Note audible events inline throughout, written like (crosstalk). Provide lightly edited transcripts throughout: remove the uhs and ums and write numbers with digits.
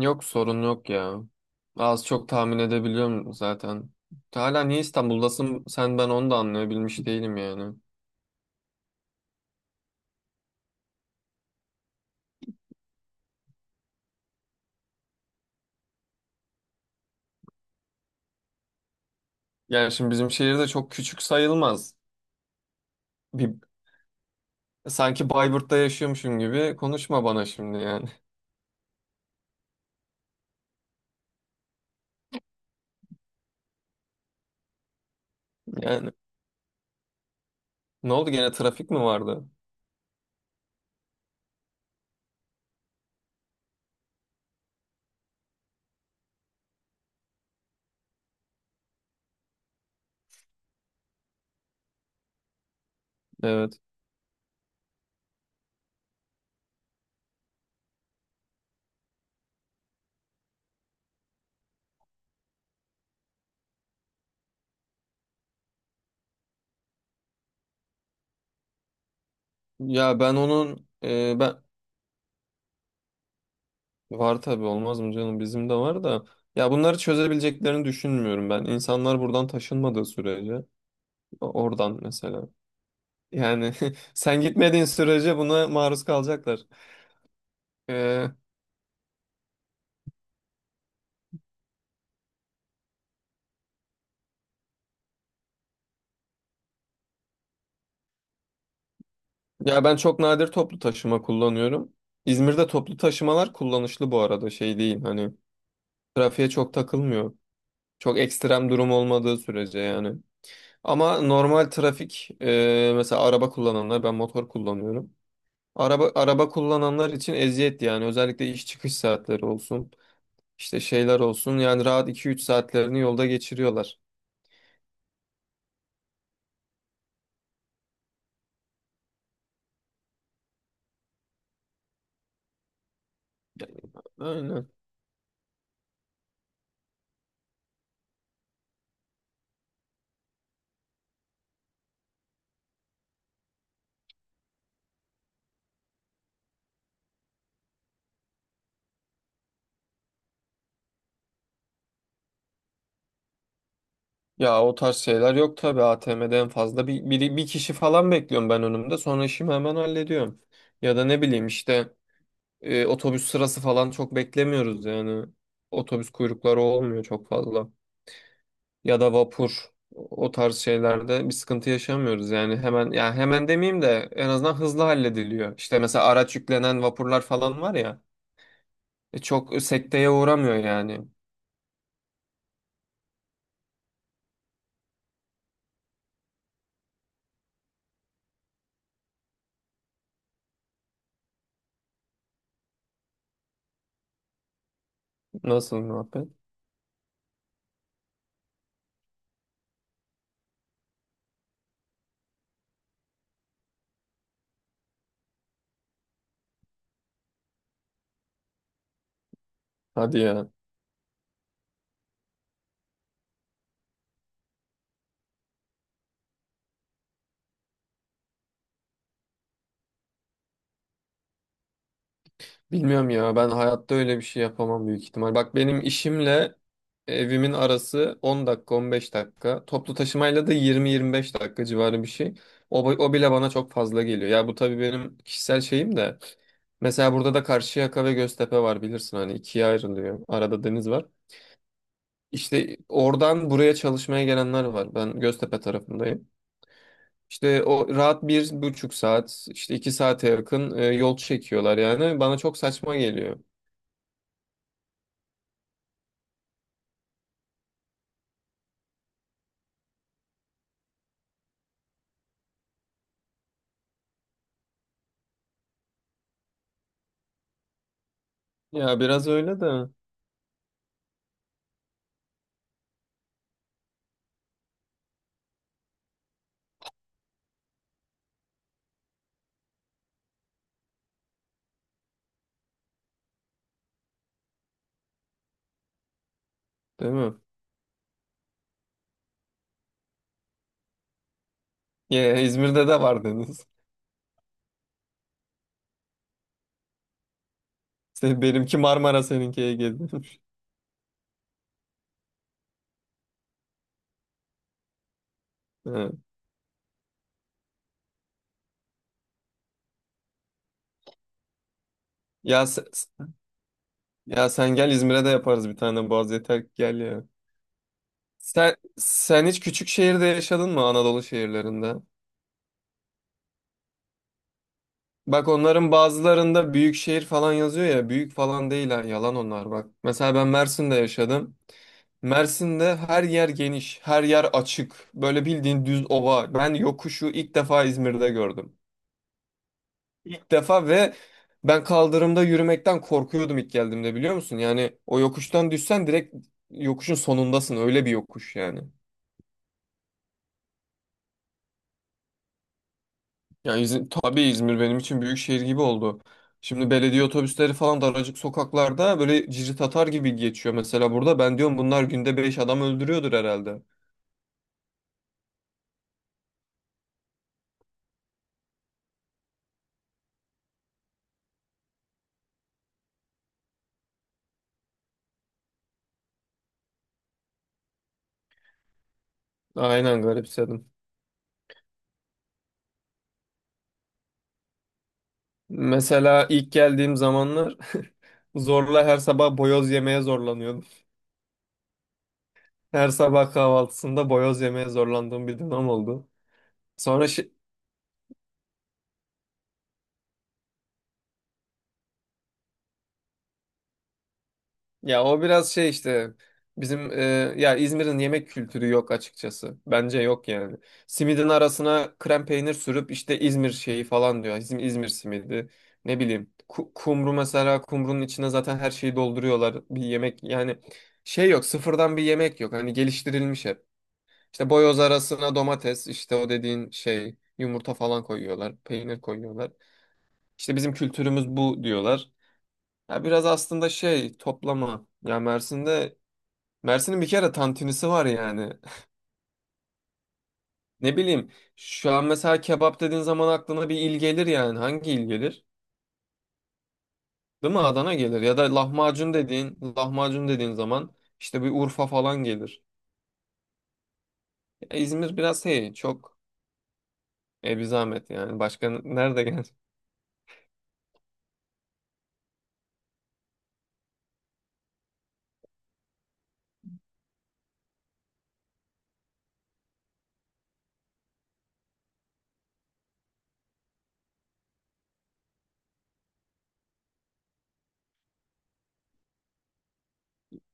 Yok, sorun yok ya. Az çok tahmin edebiliyorum zaten. Hala niye İstanbul'dasın sen, ben onu da anlayabilmiş değilim yani. Yani şimdi bizim şehir de çok küçük sayılmaz. Bir, Sanki Bayburt'ta yaşıyormuşum gibi konuşma bana şimdi yani. (laughs) Yani ne oldu, gene trafik mi vardı? Evet. Ya ben onun ben var, tabii olmaz mı canım, bizim de var da. Ya bunları çözebileceklerini düşünmüyorum ben. İnsanlar buradan taşınmadığı sürece oradan mesela. Yani (laughs) sen gitmediğin sürece buna maruz kalacaklar. Ee, Ya ben çok nadir toplu taşıma kullanıyorum. İzmir'de toplu taşımalar kullanışlı bu arada, şey değil hani, trafiğe çok takılmıyor. Çok ekstrem durum olmadığı sürece yani. Ama normal trafik, mesela araba kullananlar, ben motor kullanıyorum. Araba kullananlar için eziyet yani, özellikle iş çıkış saatleri olsun, işte şeyler olsun, yani rahat iki üç saatlerini yolda geçiriyorlar. Aynen. Ya o tarz şeyler yok tabii, ATM'de en fazla bir kişi falan bekliyorum ben önümde, sonra işimi hemen hallediyorum. Ya da ne bileyim işte, otobüs sırası falan çok beklemiyoruz yani, otobüs kuyrukları olmuyor çok fazla. Ya da vapur, o tarz şeylerde bir sıkıntı yaşamıyoruz yani, hemen, ya hemen demeyeyim de en azından hızlı hallediliyor. İşte mesela araç yüklenen vapurlar falan var ya, çok sekteye uğramıyor yani. Nasıl muhabbet? Hadi ya. Bilmiyorum ya, ben hayatta öyle bir şey yapamam büyük ihtimal. Bak, benim işimle evimin arası 10 dakika, 15 dakika. Toplu taşımayla da 20-25 dakika civarı bir şey. O bile bana çok fazla geliyor. Ya bu tabii benim kişisel şeyim de. Mesela burada da Karşıyaka ve Göztepe var, bilirsin hani ikiye ayrılıyor. Arada deniz var. İşte oradan buraya çalışmaya gelenler var. Ben Göztepe tarafındayım. İşte o rahat 1,5 saat, işte iki saate yakın yol çekiyorlar yani. Bana çok saçma geliyor. Ya biraz öyle de, değil mi? Ya İzmir'de de var deniz. (laughs) Se- benimki Marmara, seninki Ege'de. (laughs) Ha. Ya sen, ya sen gel İzmir'e, de yaparız bir tane Boğaz, yeter ki gel ya. Sen hiç küçük şehirde yaşadın mı, Anadolu şehirlerinde? Bak, onların bazılarında büyük şehir falan yazıyor ya, büyük falan değiller, yalan onlar bak. Mesela ben Mersin'de yaşadım. Mersin'de her yer geniş, her yer açık. Böyle bildiğin düz ova. Ben yokuşu ilk defa İzmir'de gördüm. İlk defa. Ve ben kaldırımda yürümekten korkuyordum ilk geldiğimde, biliyor musun? Yani o yokuştan düşsen direkt yokuşun sonundasın. Öyle bir yokuş yani. Yani İzmir, tabii İzmir benim için büyük şehir gibi oldu. Şimdi belediye otobüsleri falan daracık sokaklarda böyle cirit atar gibi geçiyor. Mesela burada ben diyorum, bunlar günde beş adam öldürüyordur herhalde. Aynen garipsedim. Mesela ilk geldiğim zamanlar (laughs) zorla her sabah boyoz yemeye zorlanıyordum. Her sabah kahvaltısında boyoz yemeye zorlandığım bir dönem oldu. Sonra şi- Ya o biraz şey işte, bizim, ya İzmir'in yemek kültürü yok açıkçası. Bence yok yani. Simidin arasına krem peynir sürüp işte İzmir şeyi falan diyor. İzmir, İzmir simidi. Ne bileyim. Kumru mesela, kumrunun içine zaten her şeyi dolduruyorlar. Bir yemek yani, şey yok. Sıfırdan bir yemek yok. Hani geliştirilmiş hep. İşte boyoz arasına domates, işte o dediğin şey, yumurta falan koyuyorlar. Peynir koyuyorlar. İşte bizim kültürümüz bu diyorlar. Ya biraz aslında şey, toplama. Mersin'in bir kere tantunisi var yani. (laughs) Ne bileyim, şu an mesela kebap dediğin zaman aklına bir il gelir yani. Hangi il gelir? Değil mi? Adana gelir. Ya da lahmacun dediğin, lahmacun dediğin zaman işte bir Urfa falan gelir. Ya İzmir biraz şey, çok bir zahmet yani. Başka nerede gelir?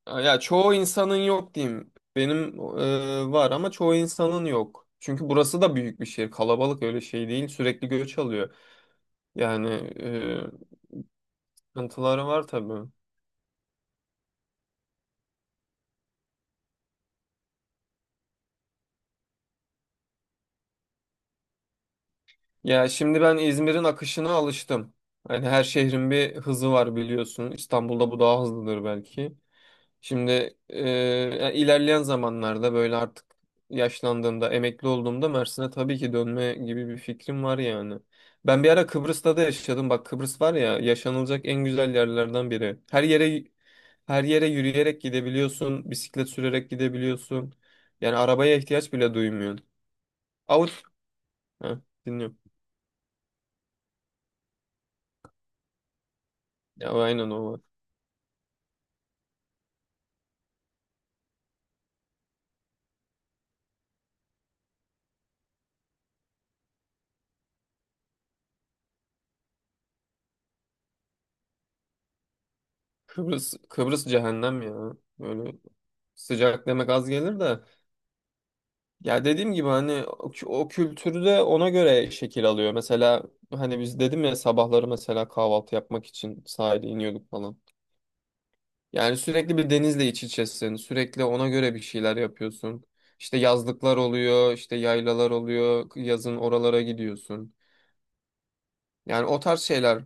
Ya çoğu insanın yok diyeyim. Benim var ama çoğu insanın yok. Çünkü burası da büyük bir şehir. Kalabalık, öyle şey değil. Sürekli göç alıyor. Yani e, sıkıntıları var tabii. Ya şimdi ben İzmir'in akışına alıştım. Yani her şehrin bir hızı var, biliyorsun. İstanbul'da bu daha hızlıdır belki. Şimdi yani ilerleyen zamanlarda böyle artık yaşlandığımda, emekli olduğumda Mersin'e tabii ki dönme gibi bir fikrim var yani. Ben bir ara Kıbrıs'ta da yaşadım. Bak, Kıbrıs var ya, yaşanılacak en güzel yerlerden biri. Her yere yürüyerek gidebiliyorsun, bisiklet sürerek gidebiliyorsun. Yani arabaya ihtiyaç bile duymuyorsun. Avut. Ha, dinliyorum. Ya aynen, o var. Kıbrıs, Kıbrıs cehennem ya. Böyle sıcak demek az gelir de. Ya dediğim gibi hani o kültürü de ona göre şekil alıyor. Mesela hani biz dedim ya, sabahları mesela kahvaltı yapmak için sahile iniyorduk falan. Yani sürekli bir denizle iç içesin. Sürekli ona göre bir şeyler yapıyorsun. İşte yazlıklar oluyor, işte yaylalar oluyor. Yazın oralara gidiyorsun. Yani o tarz şeyler.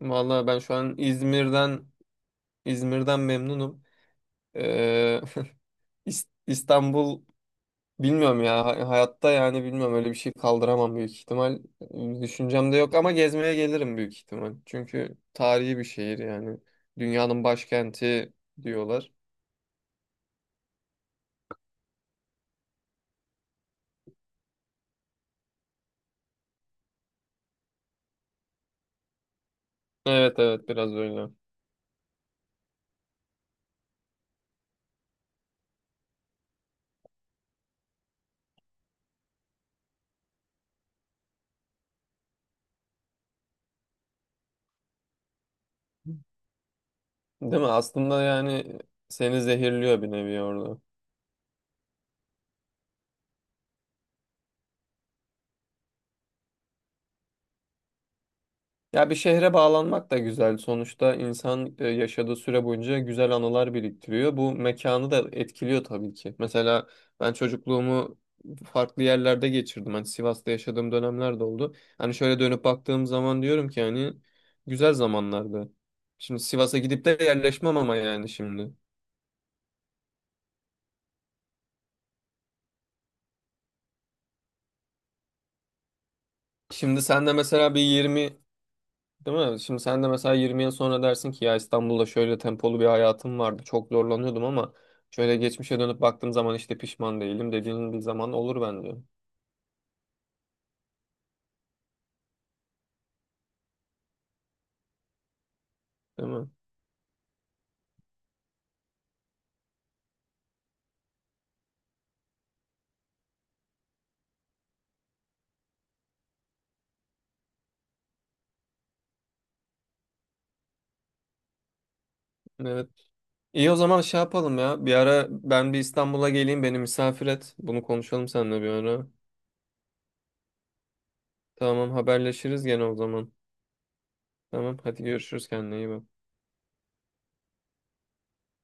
Vallahi ben şu an İzmir'den memnunum. Ee, (laughs) İs- İstanbul Bilmiyorum ya, hayatta yani, bilmiyorum, öyle bir şey kaldıramam büyük ihtimal. Düşüncemde yok ama gezmeye gelirim büyük ihtimal. Çünkü tarihi bir şehir yani. Dünyanın başkenti diyorlar. Evet, evet, biraz öyle. Değil mi? Aslında yani seni zehirliyor bir nevi orada. Ya bir şehre bağlanmak da güzel. Sonuçta insan yaşadığı süre boyunca güzel anılar biriktiriyor. Bu mekanı da etkiliyor tabii ki. Mesela ben çocukluğumu farklı yerlerde geçirdim. Hani Sivas'ta yaşadığım dönemler de oldu. Hani şöyle dönüp baktığım zaman diyorum ki, hani güzel zamanlardı. Şimdi Sivas'a gidip de yerleşmem ama, yani şimdi. Şimdi sen de mesela bir 20. Değil mi? Şimdi sen de mesela 20 yıl sonra dersin ki ya, İstanbul'da şöyle tempolu bir hayatım vardı. Çok zorlanıyordum ama şöyle geçmişe dönüp baktığım zaman işte pişman değilim dediğin bir zaman olur bence. Değil mi? Evet. İyi, o zaman şey yapalım ya. Bir ara ben bir İstanbul'a geleyim, beni misafir et. Bunu konuşalım seninle bir ara. Tamam, haberleşiriz gene o zaman. Tamam, hadi görüşürüz, kendine iyi bak.